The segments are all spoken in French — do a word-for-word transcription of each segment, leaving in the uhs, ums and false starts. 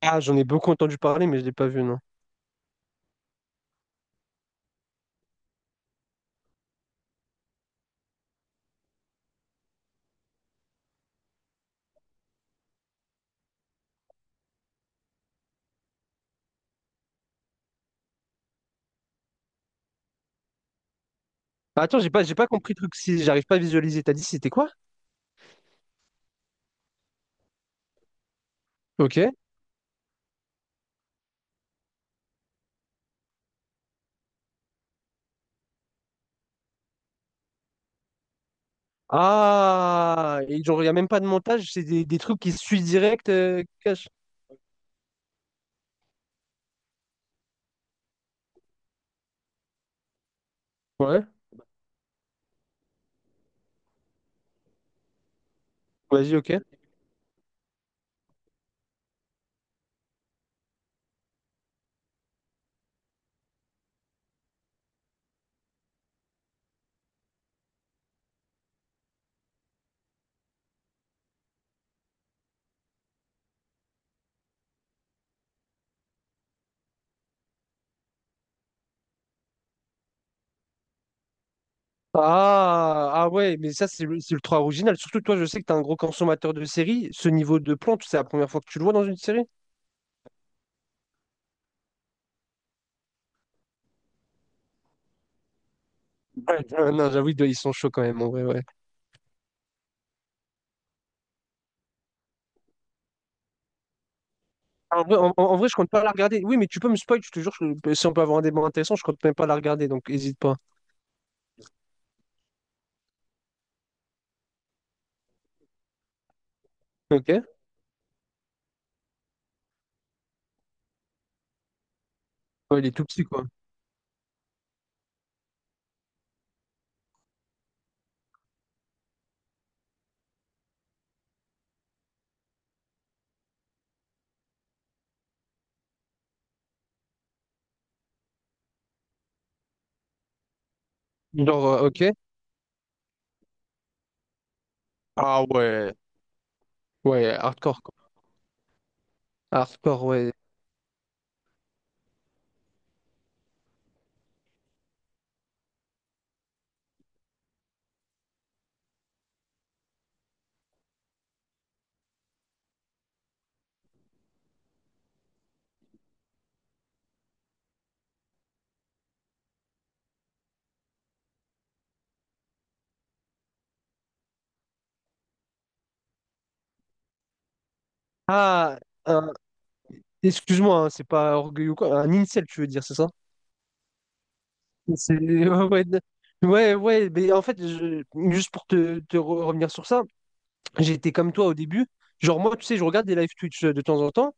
Ah, j'en ai beaucoup entendu parler, mais je l'ai pas vu, non. Ah, attends, j'ai pas, j'ai pas compris le truc. Si j'arrive pas à visualiser, t'as dit c'était quoi? Ok. Ah, et genre, il a même pas de montage, c'est des, des trucs qui se suivent direct, euh, cash. Ouais, vas-y, ok. Ah, ah ouais, mais ça, c'est c'est ultra original. Surtout, toi, je sais que t'es un gros consommateur de séries. Ce niveau de plante, c'est la première fois que tu le vois dans une série? Ouais, euh, non, j'avoue, ils sont chauds quand même, en vrai, ouais. En vrai, en, en- vrai, je compte pas la regarder. Oui, mais tu peux me spoil, je te jure, je- si on peut avoir un débat intéressant, je compte même pas la regarder, donc hésite pas. Ok? Ouais, il est tout petit, quoi. Genre, euh, ok. Ah ouais, ouais, hardcore, quoi. Hardcore, ouais. Ah, un- excuse-moi, hein, c'est pas orgueil ou quoi. Un incel, tu veux dire, c'est ça? C'est- Ouais, ouais, d- ouais, ouais, mais en fait, je- juste pour te, te re- revenir sur ça, j'étais comme toi au début. Genre, moi, tu sais, je regarde des live Twitch euh, de temps en temps.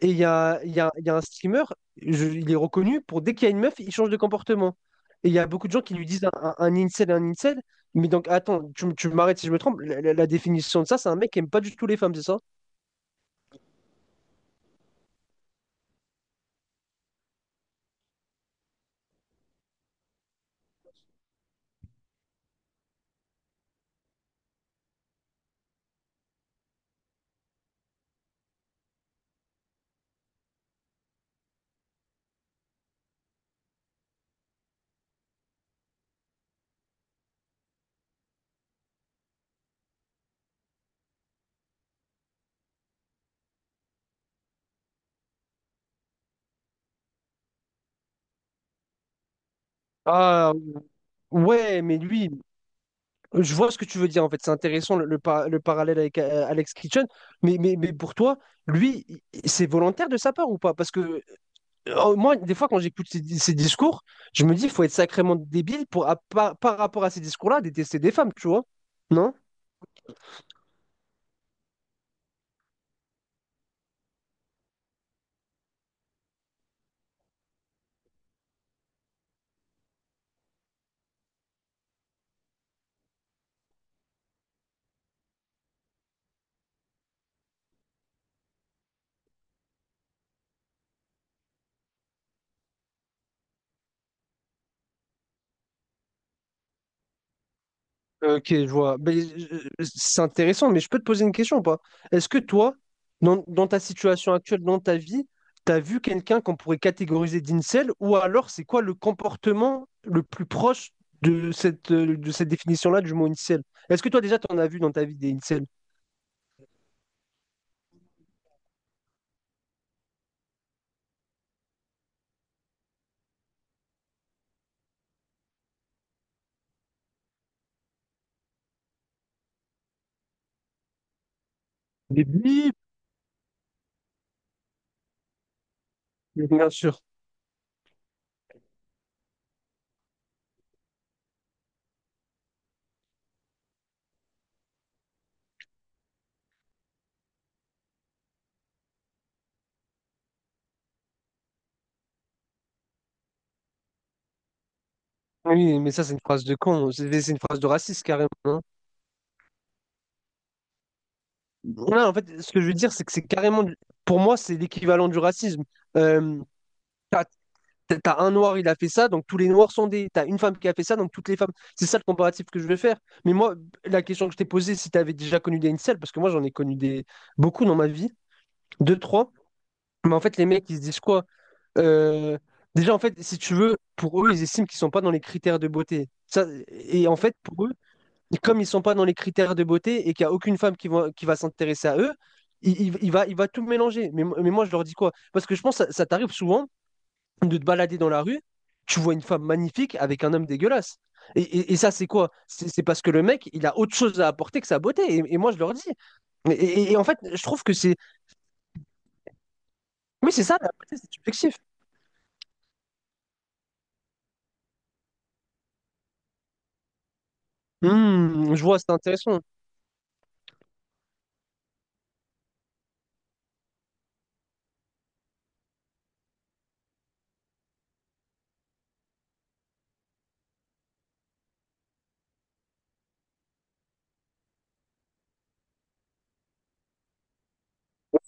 Et il y a, il y a- il y a un streamer, je- il est reconnu pour dès qu'il y a une meuf, il change de comportement. Et il y a beaucoup de gens qui lui disent un, un, un incel, un incel. Mais donc, attends, tu, m- tu m'arrêtes si je me trompe. La, la- la définition de ça, c'est un mec qui aime pas du tout les femmes, c'est ça? Ah, ouais, mais lui, je vois ce que tu veux dire en fait. C'est intéressant le, le, par- le parallèle avec euh, Alex Kitchen. Mais, mais, mais pour toi, lui, i- c'est volontaire de sa part ou pas? Parce que Euh, moi, des fois, quand j'écoute ces, ces discours, je me dis, il faut être sacrément débile pour, à- par, par rapport à ces discours-là, détester des femmes, tu vois? Non? Euh, Ok, je vois. Ben, je- c'est intéressant, mais je peux te poser une question ou pas? Est-ce que toi, dans, dans ta situation actuelle, dans ta vie, tu as vu quelqu'un qu'on pourrait catégoriser d'incel, ou alors c'est quoi le comportement le plus proche de cette, euh, de cette définition-là du mot incel? Est-ce que toi déjà, tu en as vu dans ta vie des incels? Des bips. Bien sûr. Oui, mais ça, c'est une phrase de con. C'est c'est une phrase de raciste, carrément, hein. Ouais, en fait, ce que je veux dire, c'est que c'est carrément, du- pour moi, c'est l'équivalent du racisme. Euh, t'as, t'as- t'as un noir, il a fait ça, donc tous les noirs sont des. T'as une femme qui a fait ça, donc toutes les femmes. C'est ça le comparatif que je veux faire. Mais moi, la question que je t'ai posée, si t'avais déjà connu des incels, parce que moi, j'en ai connu des beaucoup dans ma vie, deux, trois. Mais en fait, les mecs, ils se disent quoi? Euh, déjà, en fait, si tu veux, pour eux, ils estiment qu'ils sont pas dans les critères de beauté. Ça, et en fait, pour eux, et comme ils sont pas dans les critères de beauté et qu'il n'y a aucune femme qui va, qui va s'intéresser à eux, il, il- il va, il va tout mélanger. Mais, mais moi, je leur dis quoi? Parce que je pense que ça, ça t'arrive souvent de te balader dans la rue, tu vois une femme magnifique avec un homme dégueulasse. Et, et- et ça, c'est quoi? C'est c'est parce que le mec, il a autre chose à apporter que sa beauté. Et, et moi, je leur dis. Et, et- et en fait, je trouve que c'est... Oui, c'est ça, la beauté, c'est subjectif. Hmm, je vois, c'est intéressant.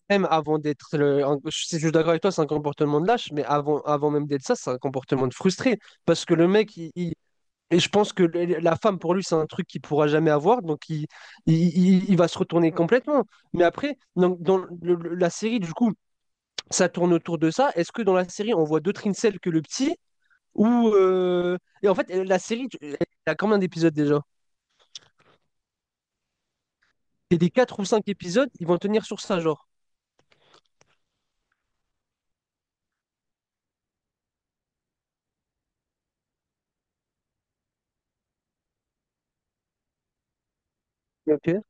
Même avant d'être le. un- Je je suis d'accord avec toi, c'est un comportement de lâche, mais avant, avant même d'être ça, c'est un comportement de frustré. Parce que le mec, il, il- et je pense que le- la femme, pour lui, c'est un truc qu'il pourra jamais avoir, donc il, il, il- il va se retourner complètement. Mais après, dans, dans le- le- la série, du coup, ça tourne autour de ça. Est-ce que dans la série, on voit d'autres incels que le petit? Ou euh, et en fait, elle- la série, tu- elle a combien d'épisodes déjà? C'est des quatre ou cinq épisodes, ils vont tenir sur ça, genre. Ok.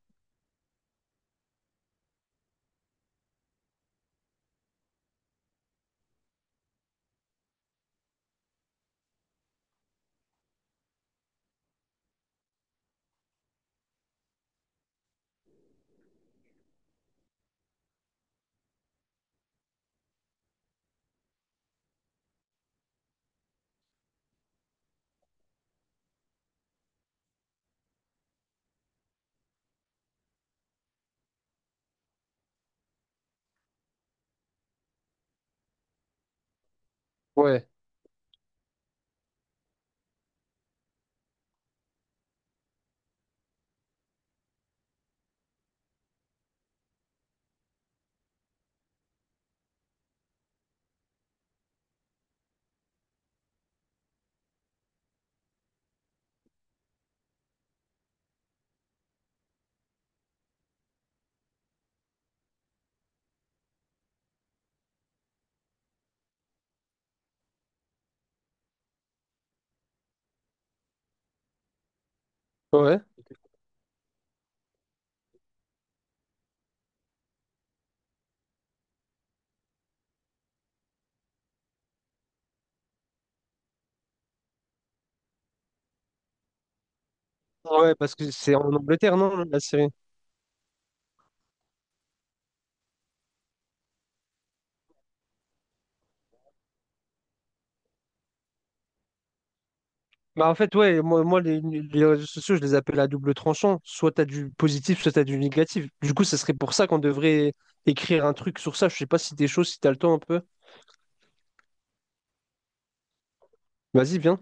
Ouais, ouais. Ouais, parce que c'est en Angleterre, non, la série? Bah en fait, ouais, moi, moi les, les réseaux sociaux, je les appelle à double tranchant. Soit t'as du positif, soit t'as du négatif. Du coup, ça serait pour ça qu'on devrait écrire un truc sur ça. Je sais pas si t'es chaud, si t'as le temps un peu. Vas-y, viens.